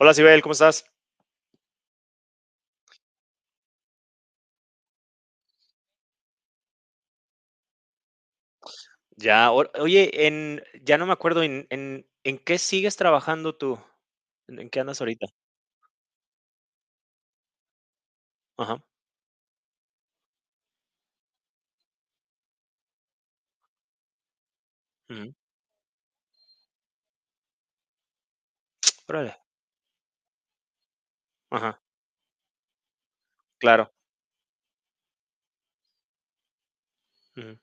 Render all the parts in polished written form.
Hola, Sibel, ¿cómo estás? Ya, oye, ya no me acuerdo en qué sigues trabajando tú, en qué andas ahorita. Ajá. Ujú. Órale. Ajá, claro. Ujú.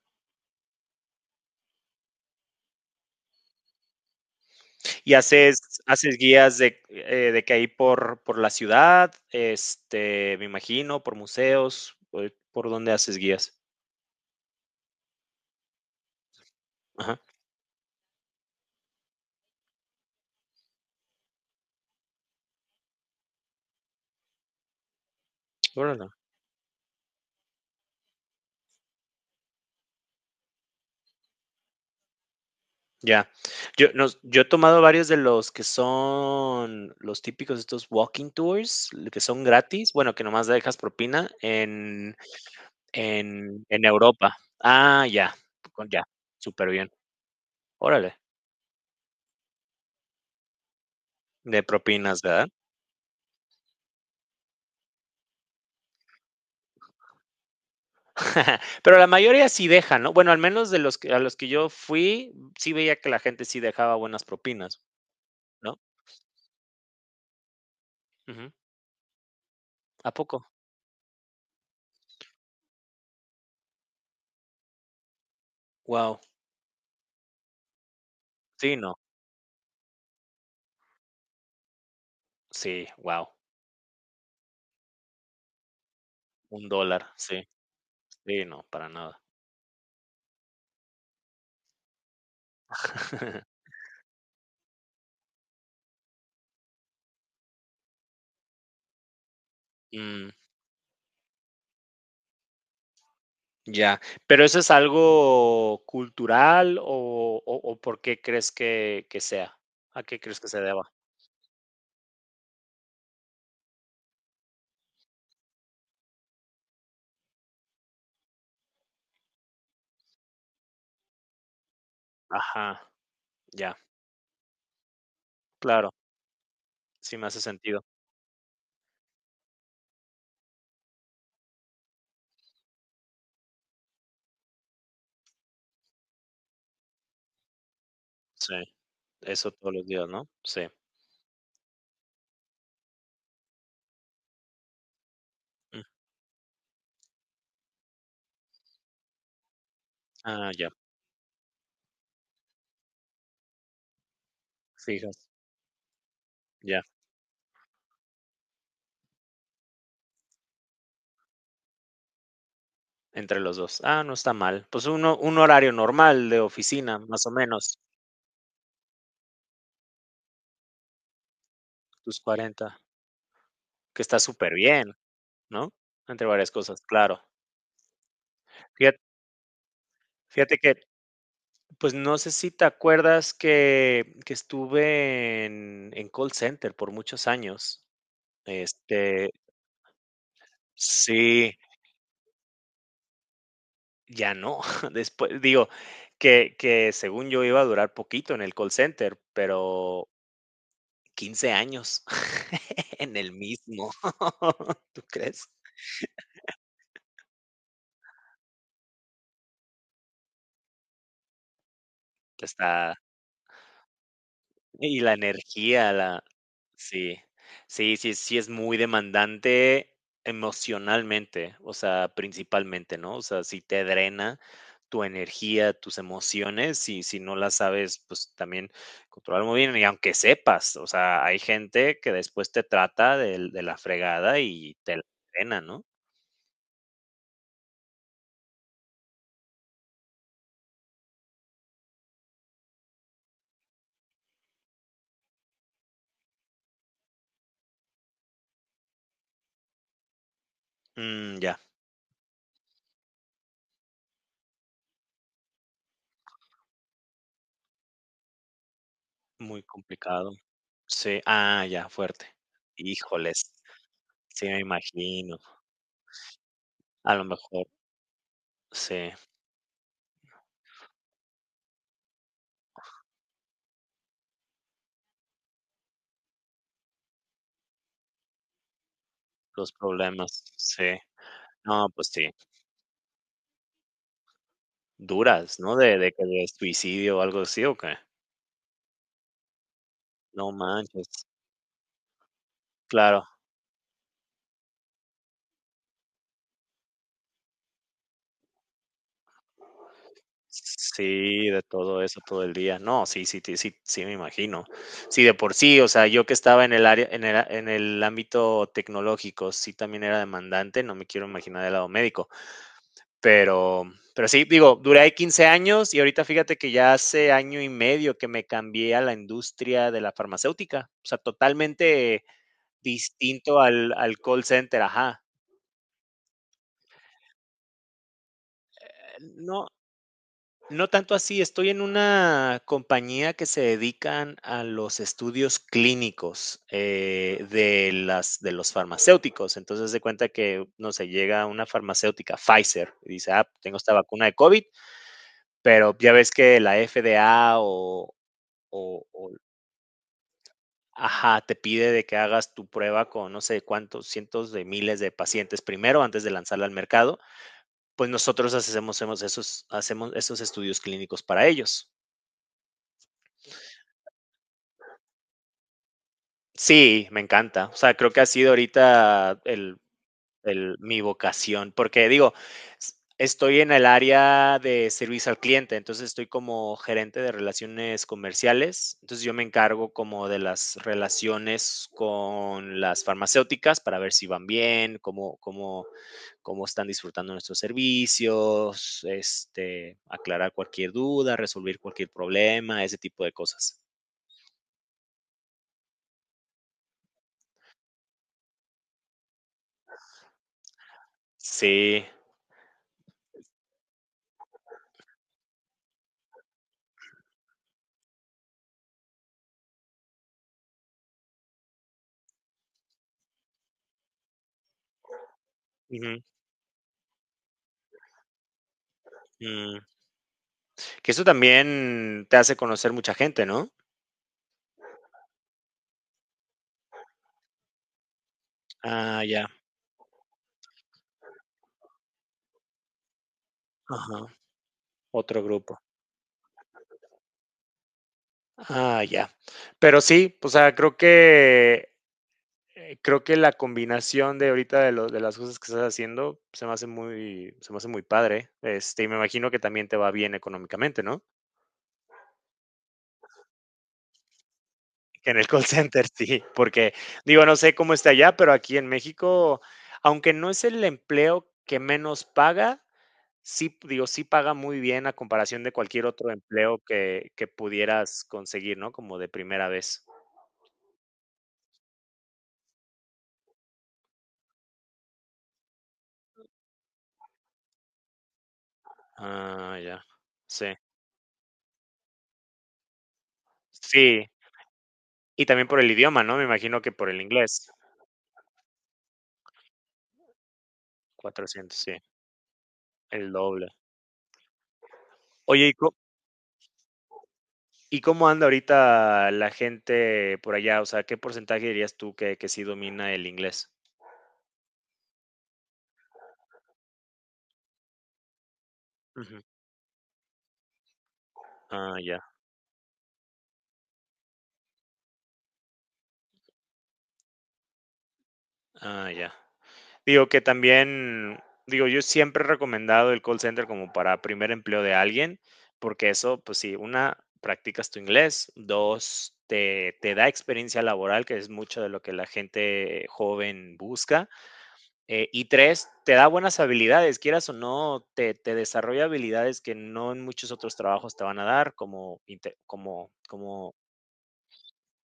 ¿Y haces guías de que ahí por la ciudad, este, me imagino, por museos, por dónde haces guías? Ajá, órale. Ya. Yo he tomado varios de los que son los típicos, estos walking tours, que son gratis, bueno, que nomás dejas propina en... en Europa. Ah, ya, ya, súper bien. Órale, de propinas, ¿verdad? Pero la mayoría sí deja, ¿no? Bueno, al menos de a los que yo fui, sí veía que la gente sí dejaba buenas propinas, ¿no? Ujú. ¿A poco? Wow. Sí, no. Sí, wow. Un dólar, sí. Sí, no, para nada. Mm, ya. ¿Pero eso es algo cultural o por qué crees que sea? ¿A qué crees que se deba? Ajá, ya, claro. Sí me hace sentido. Sí, eso todos los días, ¿no? Sí. Mm, ah, ya, fijas, ya, entre los dos. Ah, no está mal. Pues uno un horario normal de oficina, más o menos, tus cuarenta, que está súper bien, ¿no? Entre varias cosas, claro. Fíjate fíjate que, pues, no sé si te acuerdas que estuve en call center por muchos años. Este, sí. Ya no, después digo, que según yo iba a durar poquito en el call center, pero 15 años en el mismo, ¿tú crees? Está... Y la energía, la sí, sí es muy demandante emocionalmente, o sea, principalmente, ¿no? O sea, si te drena tu energía, tus emociones, y si no las sabes, pues también controlar muy bien, y aunque sepas, o sea, hay gente que después te trata del de la fregada y te la drena, ¿no? Mm, ya, muy complicado. Sí, ah, ya, fuerte. Híjoles, sí me imagino, a lo mejor, sí. Los problemas, sí. No, pues sí. Duras, ¿no? De que de suicidio o algo así, ¿o qué? No manches. Claro. Sí, de todo eso todo el día. No, sí me imagino. Sí, de por sí, o sea, yo que estaba en el área en el ámbito tecnológico, sí también era demandante, no me quiero imaginar del lado médico, pero sí, digo, duré ahí 15 años y ahorita fíjate que ya hace año y medio que me cambié a la industria de la farmacéutica, o sea, totalmente distinto al call center, ajá. No, no tanto así, estoy en una compañía que se dedican a los estudios clínicos, de los farmacéuticos. Entonces se cuenta que, no sé, llega una farmacéutica, Pfizer, y dice, ah, tengo esta vacuna de COVID, pero ya ves que la FDA o ajá, te pide de que hagas tu prueba con no sé cuántos cientos de miles de pacientes primero antes de lanzarla al mercado. Pues nosotros hacemos esos estudios clínicos para ellos. Sí, me encanta. O sea, creo que ha sido ahorita el, mi vocación, porque digo, estoy en el área de servicio al cliente, entonces estoy como gerente de relaciones comerciales, entonces yo me encargo como de las relaciones con las farmacéuticas para ver si van bien, cómo están disfrutando nuestros servicios, este, aclarar cualquier duda, resolver cualquier problema, ese tipo de cosas. Sí. Ujú, mm. Que eso también te hace conocer mucha gente, ¿no? Ah, ya. Ajá, otro grupo. Ah, ya. Pero sí, o sea, creo que la combinación de ahorita de las cosas que estás haciendo se me hace muy, se me hace muy padre. Este, y me imagino que también te va bien económicamente, ¿no? En el call center, sí, porque digo, no sé cómo está allá, pero aquí en México, aunque no es el empleo que menos paga, sí, digo, sí paga muy bien a comparación de cualquier otro empleo que pudieras conseguir, ¿no? Como de primera vez. Ah, ya. Sí. Sí, y también por el idioma, ¿no? Me imagino que por el inglés. Cuatrocientos, sí, el doble. Oye, ¿y cómo anda ahorita la gente por allá? O sea, ¿qué porcentaje dirías tú que sí domina el inglés? Ujú. Ah, ya, ah, ya. Digo que también, digo, yo siempre he recomendado el call center como para primer empleo de alguien, porque eso, pues sí, una, practicas tu inglés, dos, te da experiencia laboral, que es mucho de lo que la gente joven busca, y tres, te da buenas habilidades, quieras o no, te desarrolla habilidades que no en muchos otros trabajos te van a dar, como,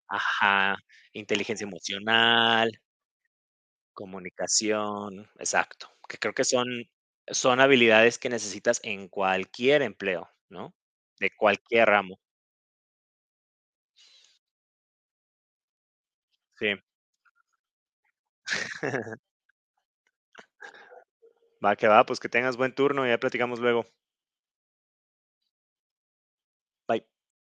ajá, inteligencia emocional, comunicación, exacto, que creo que son, son habilidades que necesitas en cualquier empleo, ¿no? De cualquier ramo, sí. Va que va, pues que tengas buen turno y ya platicamos luego. Bye.